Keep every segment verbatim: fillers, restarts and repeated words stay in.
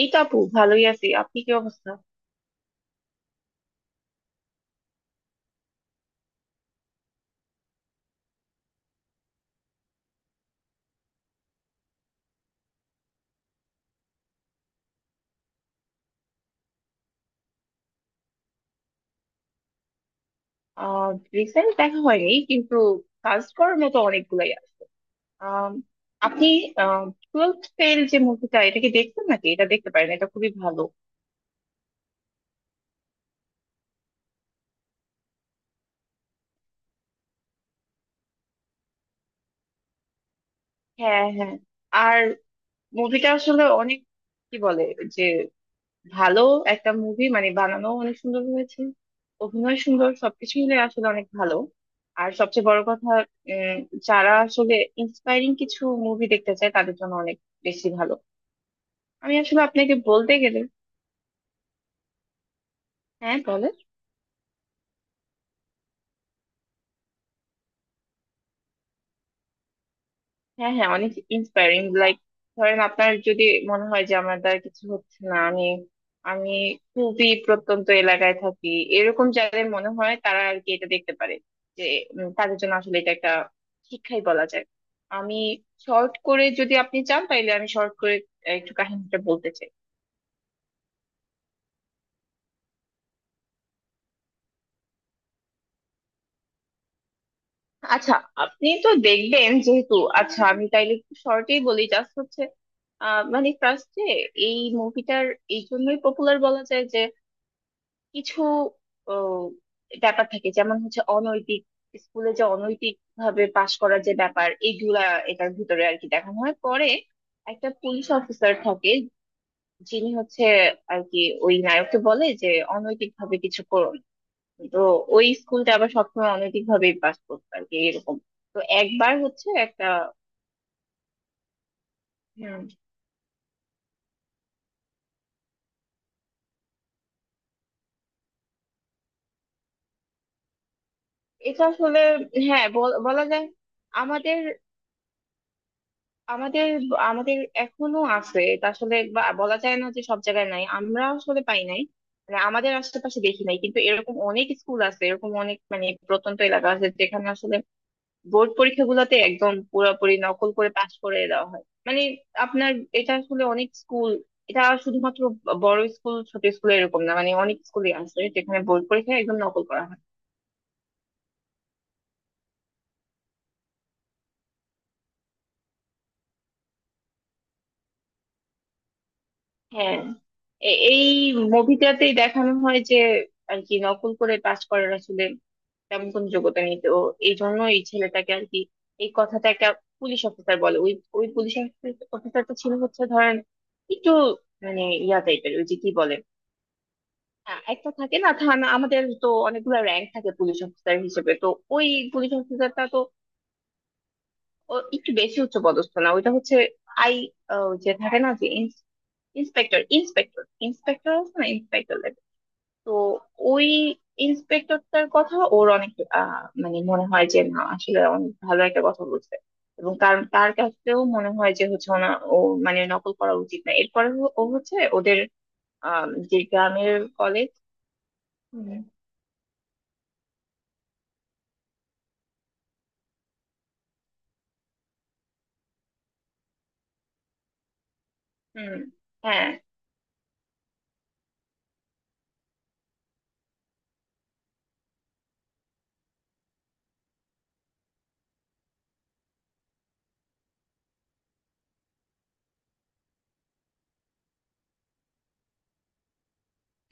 এই তো আপু, ভালোই আছি। আপনি কি অবস্থা? আহ রিসেন্ট দেখা হয়নি, কিন্তু কাজ করার মতো অনেকগুলাই আছে। আম, আপনি টুয়েলভ ফেল যে মুভিটা, এটা কি দেখছেন নাকি? এটা দেখতে পারেন, এটা খুবই ভালো। হ্যাঁ হ্যাঁ। আর মুভিটা আসলে অনেক, কি বলে, যে ভালো একটা মুভি, মানে বানানো অনেক সুন্দর হয়েছে, অভিনয় সুন্দর, সবকিছু মিলে আসলে অনেক ভালো। আর সবচেয়ে বড় কথা, উম, যারা আসলে ইন্সপায়ারিং কিছু মুভি দেখতে চায় তাদের জন্য অনেক বেশি ভালো। আমি আসলে আপনাকে বলতে গেলে, হ্যাঁ বলে, হ্যাঁ হ্যাঁ, অনেক ইন্সপায়ারিং। লাইক, ধরেন আপনার যদি মনে হয় যে আমার দ্বারা কিছু হচ্ছে না, আমি আমি খুবই প্রত্যন্ত এলাকায় থাকি, এরকম যাদের মনে হয় তারা আর কি এটা দেখতে পারে। যে উম, তাদের জন্য আসলে এটা একটা শিক্ষাই বলা যায়। আমি শর্ট করে যদি আপনি চান তাইলে আমি শর্ট করে আহ, একটু কাহিনীটা বলতে চাই। আচ্ছা, আপনি তো দেখবেন যেহেতু, আচ্ছা আমি তাইলে শর্টেই বলি। জাস্ট হচ্ছে, আহ, মানে ফার্স্টে এই মুভিটার এই জন্যই পপুলার বলা যায় যে কিছু ও, ব্যাপার থাকে, যেমন হচ্ছে অনৈতিক, স্কুলে যে অনৈতিক ভাবে পাশ করার যে ব্যাপার এইগুলা এটার ভিতরে আর কি দেখানো হয়। পরে একটা পুলিশ অফিসার থাকে, যিনি হচ্ছে আর কি ওই নায়ককে বলে যে অনৈতিক ভাবে কিছু করো না। তো ওই স্কুলটা আবার সবসময় অনৈতিক ভাবেই পাস করতো আর কি, এরকম। তো একবার হচ্ছে একটা, হুম, এটা আসলে হ্যাঁ বল- বলা যায়। আমাদের আমাদের আমাদের এখনো আছে, এটা আসলে বা- বলা যায় না যে সব জায়গায় নাই, আমরা আসলে পাই নাই, মানে আমাদের আশেপাশে দেখি নাই, কিন্তু এরকম অনেক স্কুল আছে, এরকম অনেক মানে প্রত্যন্ত এলাকা আছে যেখানে আসলে বোর্ড পরীক্ষাগুলোতে একদম পুরোপুরি নকল করে পাশ করে দেওয়া হয়। মানে আপনার এটা আসলে অনেক স্কুল, এটা শুধুমাত্র বড় স্কুল ছোট স্কুল এরকম না, মানে অনেক স্কুলে আছে যেখানে বোর্ড পরীক্ষা একদম নকল করা হয়। হ্যাঁ, এ- এই মুভিটাতেই দেখানো হয় যে আর কি নকল করে পাশ করার আসলে তেমন কোনো যোগ্যতা নেই, তো এই জন্য এই ছেলেটাকে আর কি এই কথাটা একটা পুলিশ অফিসার বলে। ওই, ওই পুলিশ অফিসারটা ছিল হচ্ছে ধরেন একটু মানে ইয়া টাইপের, ওই যে কি বলে, আ- একটা থাকে না থানা, আমাদের তো অনেকগুলো র্যাঙ্ক থাকে পুলিশ অফিসার হিসেবে। তো ওই পুলিশ অফিসারটা তো ও একটু বেশি উচ্চ পদস্থ না, ওইটা হচ্ছে আই আ, ওই যে থাকে না যে ইন্সপেক্টর ইন্সপেক্টর ইন্সপেক্টর আছে না, ইন্সপেক্টর লেভেল। তো ওই ইন্সপেক্টরটার কথা ওর অনেক আহ মানে মনে হয় যে না, আসলে অনেক ভালো একটা কথা বলছে, এবং তার তার কাছেও মনে হয় যে হচ্ছে ওনা, ও মানে নকল করা উচিত না। এরপরে ও ও হচ্ছে ওদের, আহ যে গ্রামের কলেজ। হুম হুম, হ্যাঁ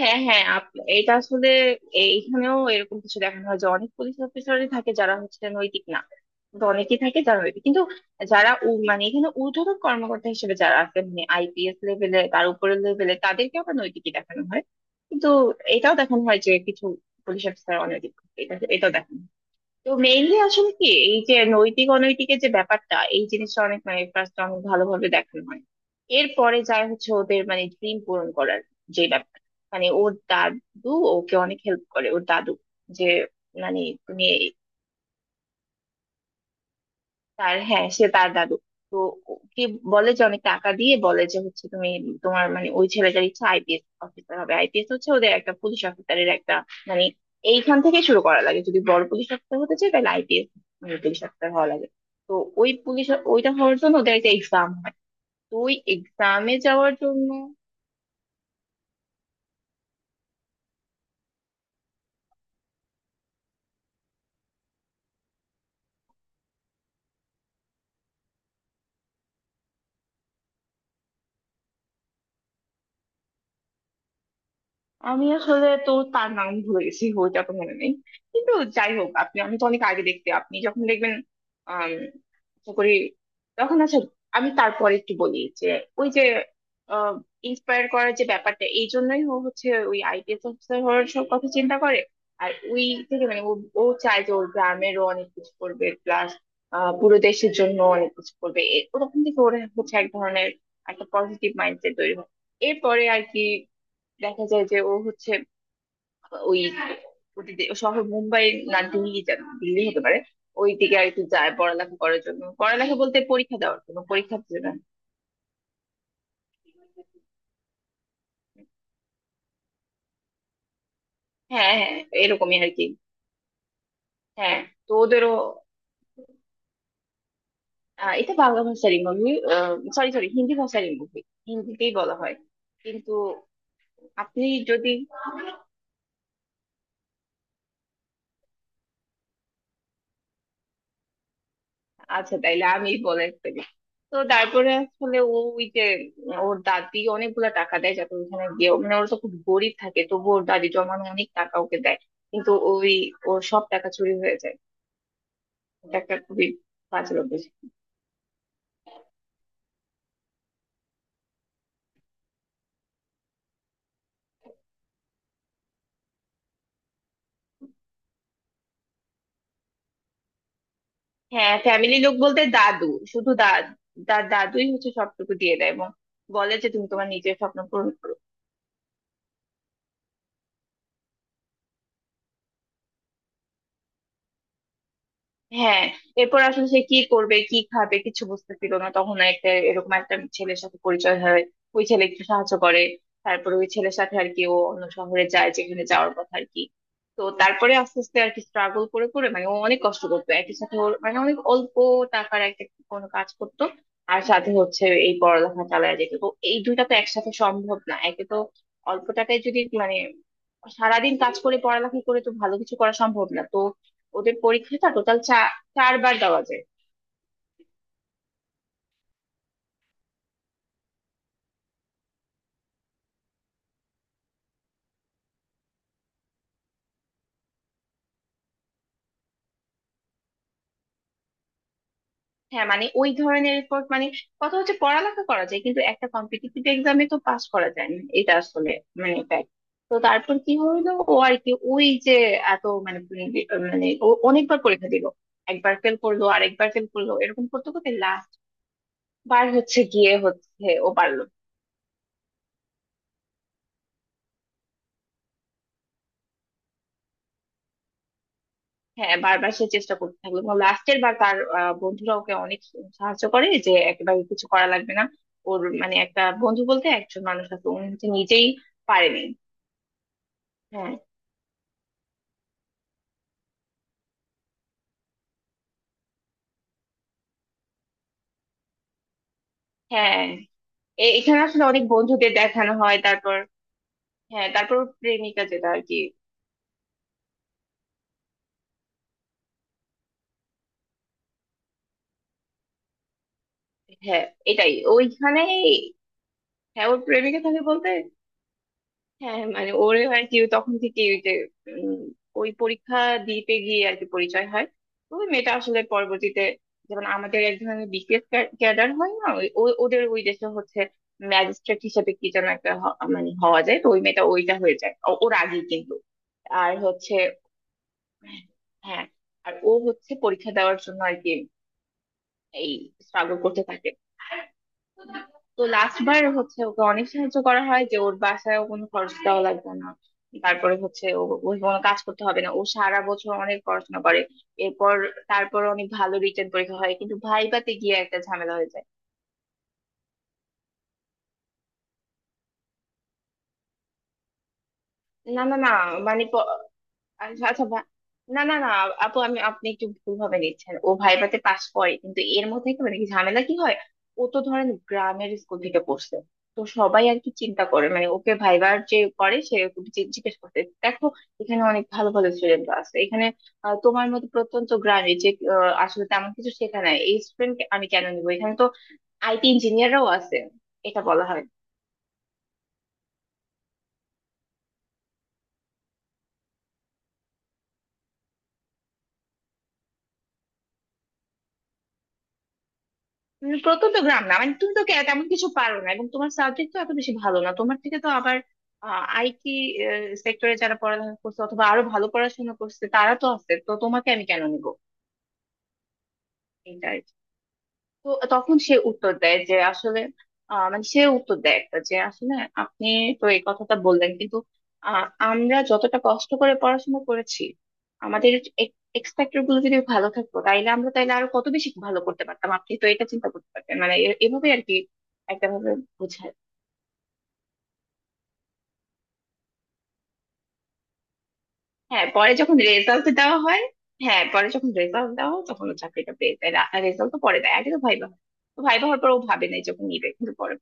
হ্যাঁ হ্যাঁ। আপ- এটা আসলে এইখানেও এরকম কিছু দেখানো হয় যে অনেক পুলিশ অফিসারই থাকে যারা হচ্ছে নৈতিক না, কিন্তু অনেকেই থাকে যারা নৈতিক, কিন্তু যারা উ- মানে এখানে ঊর্ধ্বতন কর্মকর্তা হিসেবে যারা আছে, মানে আইপিএস লেভেলে, তার উপরের লেভেলে তাদেরকে আবার নৈতিকই দেখানো হয়। কিন্তু এটাও দেখানো হয় যে কিছু পুলিশ অফিসার অনৈতিক, এটা এটাও দেখানো হয়। তো মেইনলি আসলে কি, এই যে নৈতিক অনৈতিকের যে ব্যাপারটা, এই জিনিসটা অনেক মানে ফার্স্ট অনেক ভালোভাবে দেখানো হয়। এরপরে যায় হচ্ছে ওদের মানে ড্রিম পূরণ করার যে ব্যাপার, মানে ওর দাদু ওকে অনেক হেল্প করে। ওর দাদু যে মানে তুমি তার, হ্যাঁ সে তার দাদু, তো ওকে বলে যে অনেক টাকা দিয়ে, বলে যে হচ্ছে তুমি তোমার, মানে ওই ছেলেটার ইচ্ছা আইপিএস অফিসার হবে। আইপিএস হচ্ছে ওদের একটা পুলিশ অফিসারের একটা, মানে এইখান থেকে শুরু করা লাগে যদি বড় পুলিশ অফিসার হতে চায় তাহলে আইপিএস পুলিশ অফিসার হওয়া লাগে। তো ওই পুলিশ, ওইটা হওয়ার জন্য ওদের একটা এক্সাম হয়, তো ওই এক্সামে যাওয়ার জন্য আমি আসলে তো তার নাম ভুলে গেছি, বইটা তো মনে নেই, কিন্তু যাই হোক আপনি, আমি তো অনেক আগে দেখতে, আপনি যখন দেখবেন, আম, আশা করি তখন। আচ্ছা, আমি তারপরে একটু বলি যে ওই যে ইন্সপায়ার করার যে ব্যাপারটা এই জন্যই ও হচ্ছে ওই আইপিএস অফিসার হওয়ার সব কথা চিন্তা করে, আর ওই থেকে মানে ও, ও চায় যে ওর গ্রামেরও অনেক কিছু করবে, প্লাস পুরো দেশের জন্য অনেক কিছু করবে, এ- ওরকম থেকে ওর হচ্ছে এক ধরনের একটা পজিটিভ মাইন্ডসেট তৈরি হয়। এরপরে আর কি দেখা যায় যে ও হচ্ছে ওই, ওদের দে- শহর মুম্বাই, না দিল্লি, যেন দিল্লি হতে পারে, ওই দিকে আর কি যায় পড়ালেখা করার জন্য, পড়ালেখা বলতে পরীক্ষা দেওয়ার জন্য, পরীক্ষা দিতে না। হ্যাঁ হ্যাঁ, এরকমই আর কি। হ্যাঁ তো ওদেরও আহ, এটা বাংলা ভাষারই মুভি, সরি সরি হিন্দি ভাষারই মুভি, হিন্দিতেই বলা হয়, কিন্তু আপনি যদি, আচ্ছা তাইলে আমি বলে ফেলি। তো তারপরে আসলে ও ওই যে, উম, ওর দাদি অনেকগুলা টাকা দেয় যাতে ওখানে গিয়ে, মানে ওরা তো খুব গরিব থাকে, তবু ওর দাদি জমানো অনেক টাকা ওকে দেয়, কিন্তু ওই ওর সব টাকা চুরি হয়ে যায়। এটা একটা খুবই বাজে অভ্যাস। হ্যাঁ ফ্যামিলি লোক বলতে দাদু, শুধু দাদ দাদুই হচ্ছে সবটুকু দিয়ে দেয় এবং বলে যে তুমি তোমার নিজের স্বপ্ন পূরণ করো। হ্যাঁ এরপর আসলে সে কি করবে কি খাবে কিছু বুঝতে পারলো না, তখন একটা এরকম একটা ছেলের সাথে পরিচয় হয়, ওই ছেলে একটু সাহায্য করে। তারপরে ওই ছেলের সাথে আর কি ও অন্য শহরে যায় যেখানে যাওয়ার কথা আর কি। তো তারপরে আস্তে আস্তে আর কি স্ট্রাগল করে করে, মানে ও অনেক কষ্ট করতো, একই সাথে ওর মানে অনেক অল্প টাকার একটা কোনো কাজ করতো আর সাথে হচ্ছে এই পড়ালেখা চালায় যেত, তো এই দুইটা তো একসাথে সম্ভব না, একে তো অল্প টাকায়, যদি মানে সারাদিন কাজ করে পড়ালেখা করে তো ভালো কিছু করা সম্ভব না। তো ওদের পরীক্ষাটা টোটাল চারবার দেওয়া যায়। হ্যাঁ মানে ওই ধরনের রিপোর্ট, মানে কথা হচ্ছে পড়ালেখা করা যায় কিন্তু একটা কম্পিটিটিভ এক্সামে তো পাস করা যায় না, এটা আসলে মানে fact। তো তারপর কি হইলো, ও আর কি ওই যে এত মানে, উম মানে ও অনেকবার পরীক্ষা দিল, একবার ফেল করলো আরেকবার ফেল করলো এরকম করতে করতে লাস্ট বার হচ্ছে গিয়ে হচ্ছে ও পারলো। হ্যাঁ বারবার সে চেষ্টা করতে থাকলো, এবং লাস্টের বার তার আহ, বন্ধুরা ওকে অনেক সাহায্য করে যে একেবারে কিছু করা লাগবে না। ওর মানে একটা বন্ধু বলতে একজন মানুষ আছে, উনি হচ্ছে নিজেই পারেনি। হ্যাঁ হ্যাঁ, এ- এখানে আসলে অনেক বন্ধুদের দেখানো হয়, তারপর হ্যাঁ তারপর ওর প্রেমিকা, যেটা আর কি, হ্যাঁ এটাই ওইখানে, হ্যাঁ ওর প্রেমিকা থাকে বলতে, হ্যাঁ মানে ওরে হয় কি ও তখন থেকে ওই যে উম, ওই পরীক্ষা দিতে গিয়ে আর কি পরিচয় হয়। তো ওই মেয়েটা আসলে পরবর্তীতে, যেমন আমাদের এক ধরনের বিসিএস ক্যাডার হয় না, ওই- ও- ওদের ওই দেশে হচ্ছে ম্যাজিস্ট্রেট হিসেবে কি যেন একটা হ- মানে হওয়া যায়, তো ওই মেয়েটা ওইটা হয়ে যায় ও- ওর আগেই কিন্তু, আর হচ্ছে, হ্যাঁ আর ও হচ্ছে পরীক্ষা দেওয়ার জন্য আর কি এই স্ট্রাগল করতে থাকে। তো লাস্ট বার হচ্ছে ওকে অনেক সাহায্য করা হয় যে ওর বাসায় কোনো খরচ দেওয়া লাগবে না, তারপরে হচ্ছে ও ওই কোনো কাজ করতে হবে না, ও সারা বছর অনেক পড়াশোনা করে, এরপর তারপর অনেক ভালো রিটেন পরীক্ষা হয় কিন্তু ভাইভাতে গিয়ে একটা ঝামেলা হয়ে যায়। না না না, মানে প- আচ্ছা আচ্ছা ভা- না না না, আপু আমি, আপনি একটু ভুল ভাবে নিচ্ছেন, ও ভাইভাতে পাস করে, কিন্তু এর মধ্যে কি মানে কি ঝামেলা কি হয়, ও তো ধরেন গ্রামের স্কুল থেকে পড়ছে, তো সবাই আর কি চিন্তা করে মানে ওকে ভাইবার যে করে সে ওকে জি- জিজ্ঞেস করতে দেখো এখানে অনেক ভালো ভালো স্টুডেন্ট আছে এখানে, আহ, তোমার মতো প্রত্যন্ত গ্রামে যে আহ, আসলে তেমন কিছু শেখা নাই এই স্টুডেন্ট আমি কেন নিবো, এখানে তো আইটি ইঞ্জিনিয়াররাও আছে, এটা বলা হয়। উম, প্রত্যন্ত গ্রাম না মানে তুমি তো কে- তেমন কিছু পারো না এবং তোমার সাবজেক্ট তো এত বেশি ভালো না, তোমার থেকে তো আবার আইটি সেক্টরে যারা পড়াশোনা করছে অথবা আরো ভালো পড়াশোনা করছে তারা তো আছে, তো তোমাকে আমি কেন নিব। তো তখন সে উত্তর দেয় যে আসলে আহ, মানে সে উত্তর দেয় একটা যে আসলে আপনি তো এই কথাটা বললেন, কিন্তু আহ, আমরা যতটা কষ্ট করে পড়াশোনা করেছি আমাদের এক্সপেক্টর গুলো যদি ভালো থাকতো তাইলে আমরা তাইলে আরো কত বেশি ভালো করতে পারতাম, আপনি তো এটা চিন্তা করতে পারতেন মানে এ- এভাবে আর কি একটা ভাবে বোঝায়। হ্যাঁ পরে যখন রেজাল্ট দেওয়া হয়, হ্যাঁ পরে যখন রেজাল্ট দেওয়া হয় তখন ও চাকরিটা পেয়ে যায়। রেজাল্ট তো পরে দেয়, আগে তো ভাইবা হয়, তো ভাইবা হওয়ার পর ও ভাবে নাই যখন নিবে কিন্তু পরে।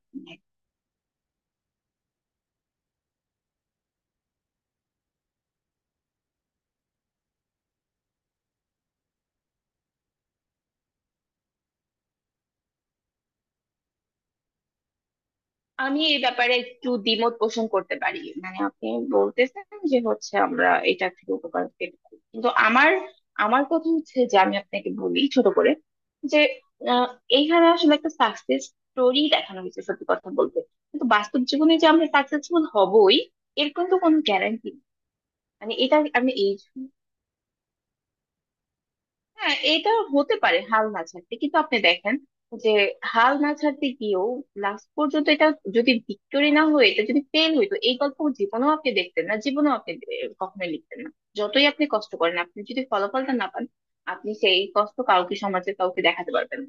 আমি এই ব্যাপারে একটু দ্বিমত পোষণ করতে পারি, মানে আপনি বলতেছেন যে হচ্ছে আমরা এটা থেকে উপকার পেতে পারি, কিন্তু আমার, আমার কথা হচ্ছে যে আমি আপনাকে বলি ছোট করে যে আহ, এইখানে আসলে একটা সাকসেস স্টোরি দেখানো হয়েছে সত্যি কথা বলতে, কিন্তু বাস্তব জীবনে যে আমরা সাকসেসফুল হবই এর কিন্তু কোনো গ্যারান্টি, মানে এটা আমি এই, হ্যাঁ এটা হতে পারে হাল না ছাড়তে, কিন্তু আপনি দেখেন যে হাল না ছাড়তে গিয়েও লাস্ট পর্যন্ত এটা যদি ভিক্টোরি না হয়ে এটা যদি ফেল হইতো, এই গল্প জীবনেও আপনি দেখতেন না, জীবনেও আপনি এ, কখনোই লিখতেন না। যতই আপনি কষ্ট করেন আপনি যদি ফলাফলটা না পান, আপনি সেই কষ্ট কাউকে সমাজে কাউকে দেখাতে পারবেন না।